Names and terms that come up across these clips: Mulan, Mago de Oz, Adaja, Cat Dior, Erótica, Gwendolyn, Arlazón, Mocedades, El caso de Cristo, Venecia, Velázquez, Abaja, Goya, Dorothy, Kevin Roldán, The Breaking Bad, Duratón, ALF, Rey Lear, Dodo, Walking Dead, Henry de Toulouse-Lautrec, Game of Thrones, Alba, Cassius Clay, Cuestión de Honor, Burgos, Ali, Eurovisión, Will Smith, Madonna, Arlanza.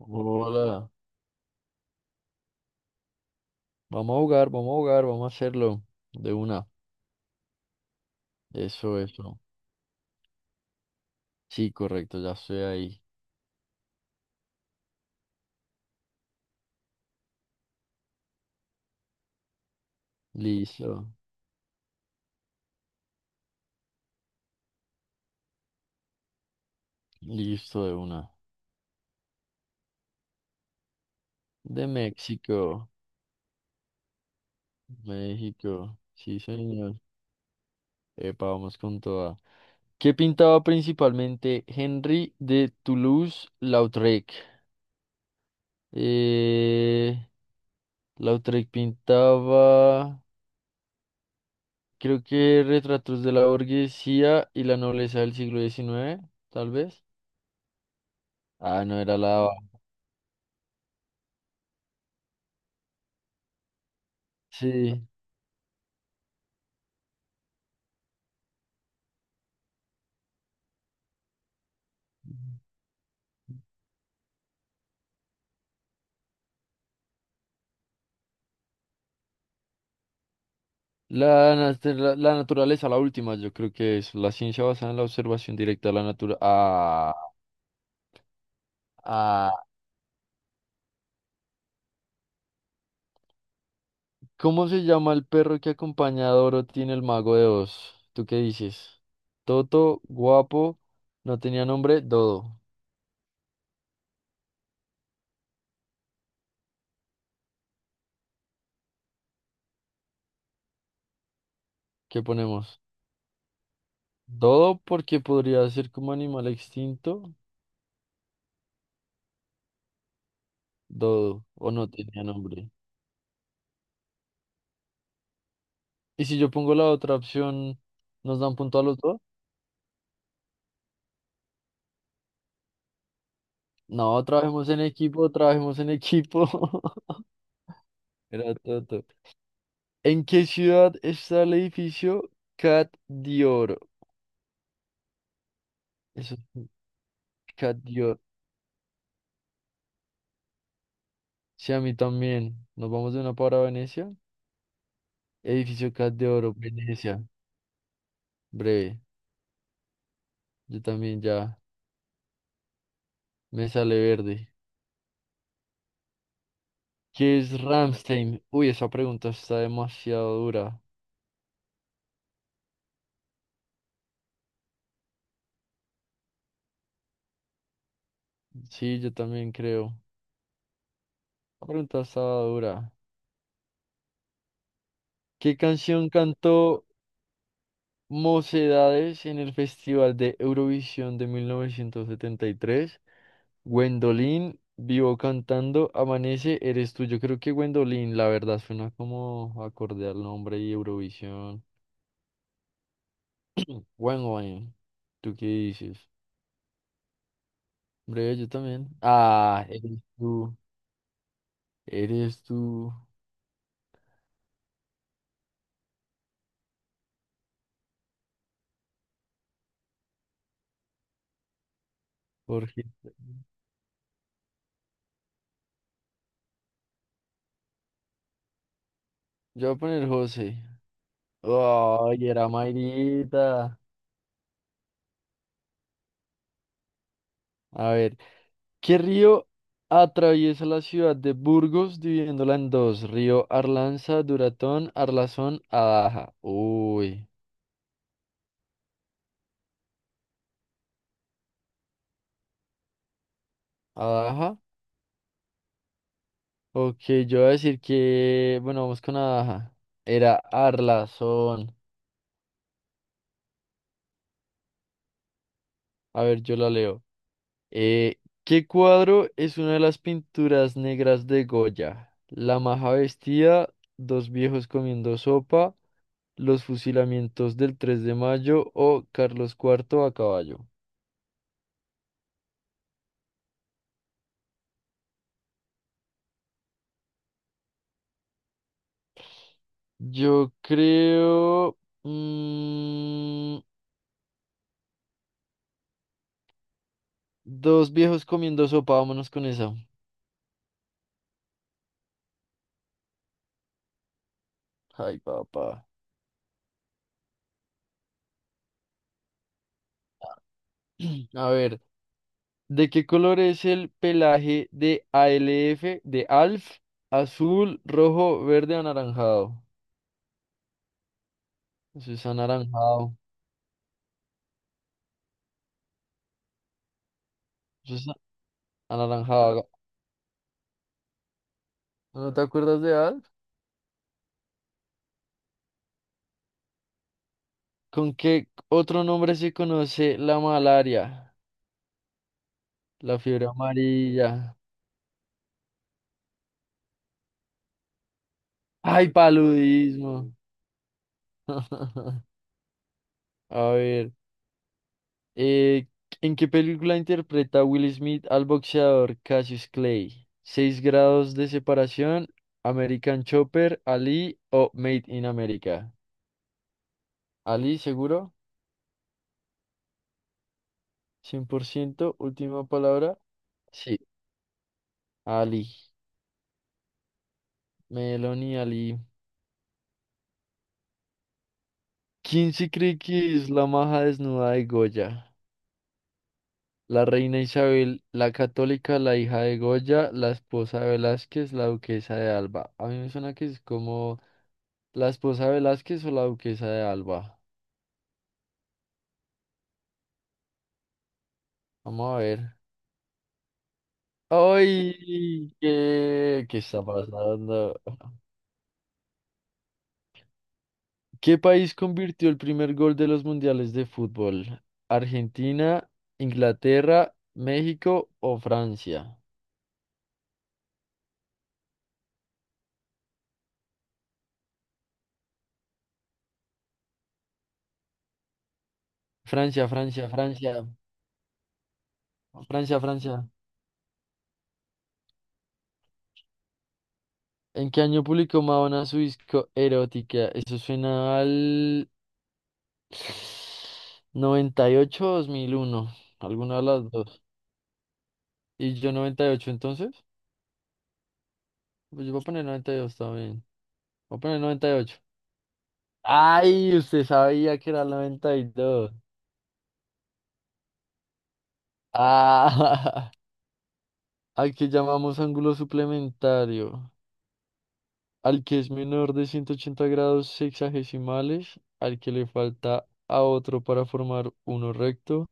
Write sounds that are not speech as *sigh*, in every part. Hola, vamos a jugar, vamos a jugar, vamos a hacerlo de una. Eso, eso. Sí, correcto, ya estoy ahí. Listo, listo de una. De México, México, sí señor. Epa, vamos con toda. ¿Qué pintaba principalmente Henry de Toulouse-Lautrec? Eh, Lautrec pintaba, creo que retratos de la burguesía y la nobleza del siglo XIX, tal vez. Ah, no era la. Sí. La naturaleza, la última, yo creo que es la ciencia basada en la observación directa de la naturaleza. Ah, ah. ¿Cómo se llama el perro que acompaña a Dorothy en el Mago de Oz? ¿Tú qué dices? Toto, guapo, no tenía nombre, Dodo. ¿Qué ponemos? Dodo porque podría ser como animal extinto. Dodo, o no tenía nombre. Y si yo pongo la otra opción, ¿nos dan punto a los dos? No, trabajemos en equipo, trabajemos en equipo. Era tonto. ¿En qué ciudad está el edificio Cat Dior? Eso es Cat Dior. Sí, a mí también. Nos vamos de una para Venecia. Edificio Cat de Oro, Venecia. Breve. Yo también ya me sale verde. ¿Qué es Ramstein? Uy, esa pregunta está demasiado dura. Sí, yo también creo. La pregunta estaba dura. ¿Qué canción cantó Mocedades en el Festival de Eurovisión de 1973? Gwendolyn, vivo cantando, amanece, eres tú. Yo creo que Gwendolyn, la verdad, suena como acorde al nombre y Eurovisión. Gwendolyn, ¿tú qué dices? Hombre, yo también. Ah, eres tú, Jorge. Yo voy a poner José. Ay, era Mayrita. A ver, ¿qué río atraviesa la ciudad de Burgos dividiéndola en dos? Río Arlanza, Duratón, Arlazón, Adaja. Uy. Abaja. Ok, yo voy a decir que, bueno, vamos con Abaja. Era Arlazón. A ver, yo la leo. Eh, ¿Qué cuadro es una de las pinturas negras de Goya? La maja vestida, dos viejos comiendo sopa, los fusilamientos del 3 de mayo o Carlos IV a caballo. Yo creo... mm, dos viejos comiendo sopa, vámonos con esa. Ay, papá. *clears throat* A ver. ¿De qué color es el pelaje de ALF de ALF? Azul, rojo, verde, anaranjado. Eso es anaranjado. Eso es anaranjado. ¿No te acuerdas de ALF? ¿Con qué otro nombre se conoce la malaria? La fiebre amarilla. ¡Ay, paludismo! *laughs* A ver. Eh, ¿En qué película interpreta Will Smith al boxeador Cassius Clay? ¿Seis grados de separación? ¿American Chopper? ¿Ali o Made in America? ¿Ali seguro? 100%, ¿última palabra? Sí, Ali. Meloni Ali. ¿Quién se cree que es la maja desnuda de Goya? La reina Isabel, la católica, la hija de Goya, la esposa de Velázquez, la duquesa de Alba. A mí me suena que es como... La esposa de Velázquez o la duquesa de Alba. Vamos a ver. ¡Ay! ¿Qué está pasando? ¿Qué país convirtió el primer gol de los mundiales de fútbol? ¿Argentina, Inglaterra, México o Francia? Francia, Francia, Francia. Francia, Francia. ¿En qué año publicó Madonna su disco Erótica? Eso suena al 98 o 2001. ¿Alguna de las dos? ¿Y yo 98 entonces? Pues yo voy a poner 92 también. Voy a poner 98. ¡Ay! Usted sabía que era el 92. ¡Ah! *laughs* Al que llamamos ángulo suplementario. Al que es menor de 180 grados sexagesimales. Al que le falta a otro para formar uno recto.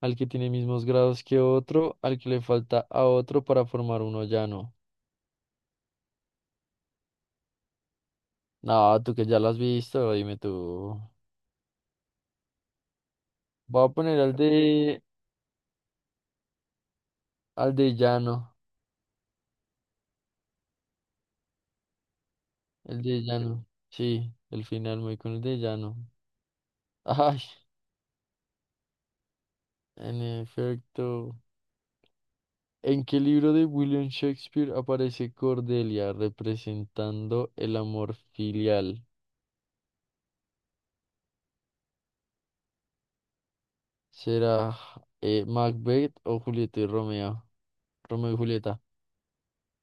Al que tiene mismos grados que otro. Al que le falta a otro para formar uno llano. No, tú que ya lo has visto, dime tú. Voy a poner al de llano. El de llano. Sí, el final muy con el de llano. *laughs* Ay, en efecto. ¿En qué libro de William Shakespeare aparece Cordelia representando el amor filial? ¿Será Macbeth o Julieta y Romeo? Romeo y Julieta.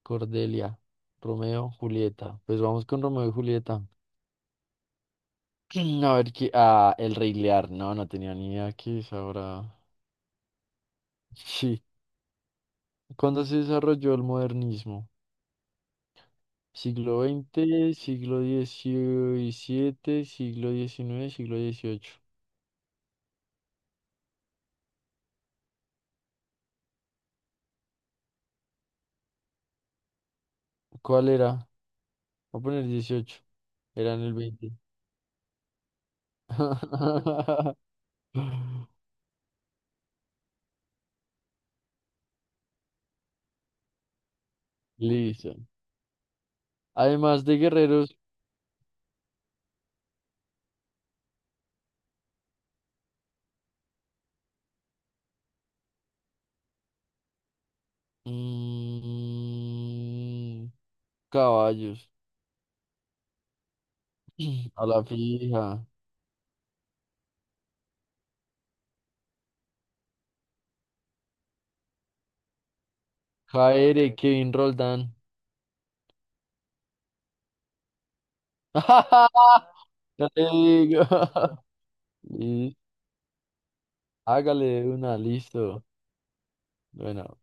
Cordelia. Romeo, Julieta. Pues vamos con Romeo y Julieta. *clears throat* A ver qué. Ah, el Rey Lear. No, no tenía ni idea que es ahora. Sí. ¿Cuándo se desarrolló el modernismo? Siglo XX siglo XVII, siglo XIX siglo XVIII. ¿Cuál era? Voy a poner XVIII. Era en el XX. *laughs* Listo. Además de guerreros, mm, caballos. *clears throat* A la fija. Jaere, Kevin Roldán. *laughs* Ya te digo. *laughs* Y hágale de una, listo. Bueno.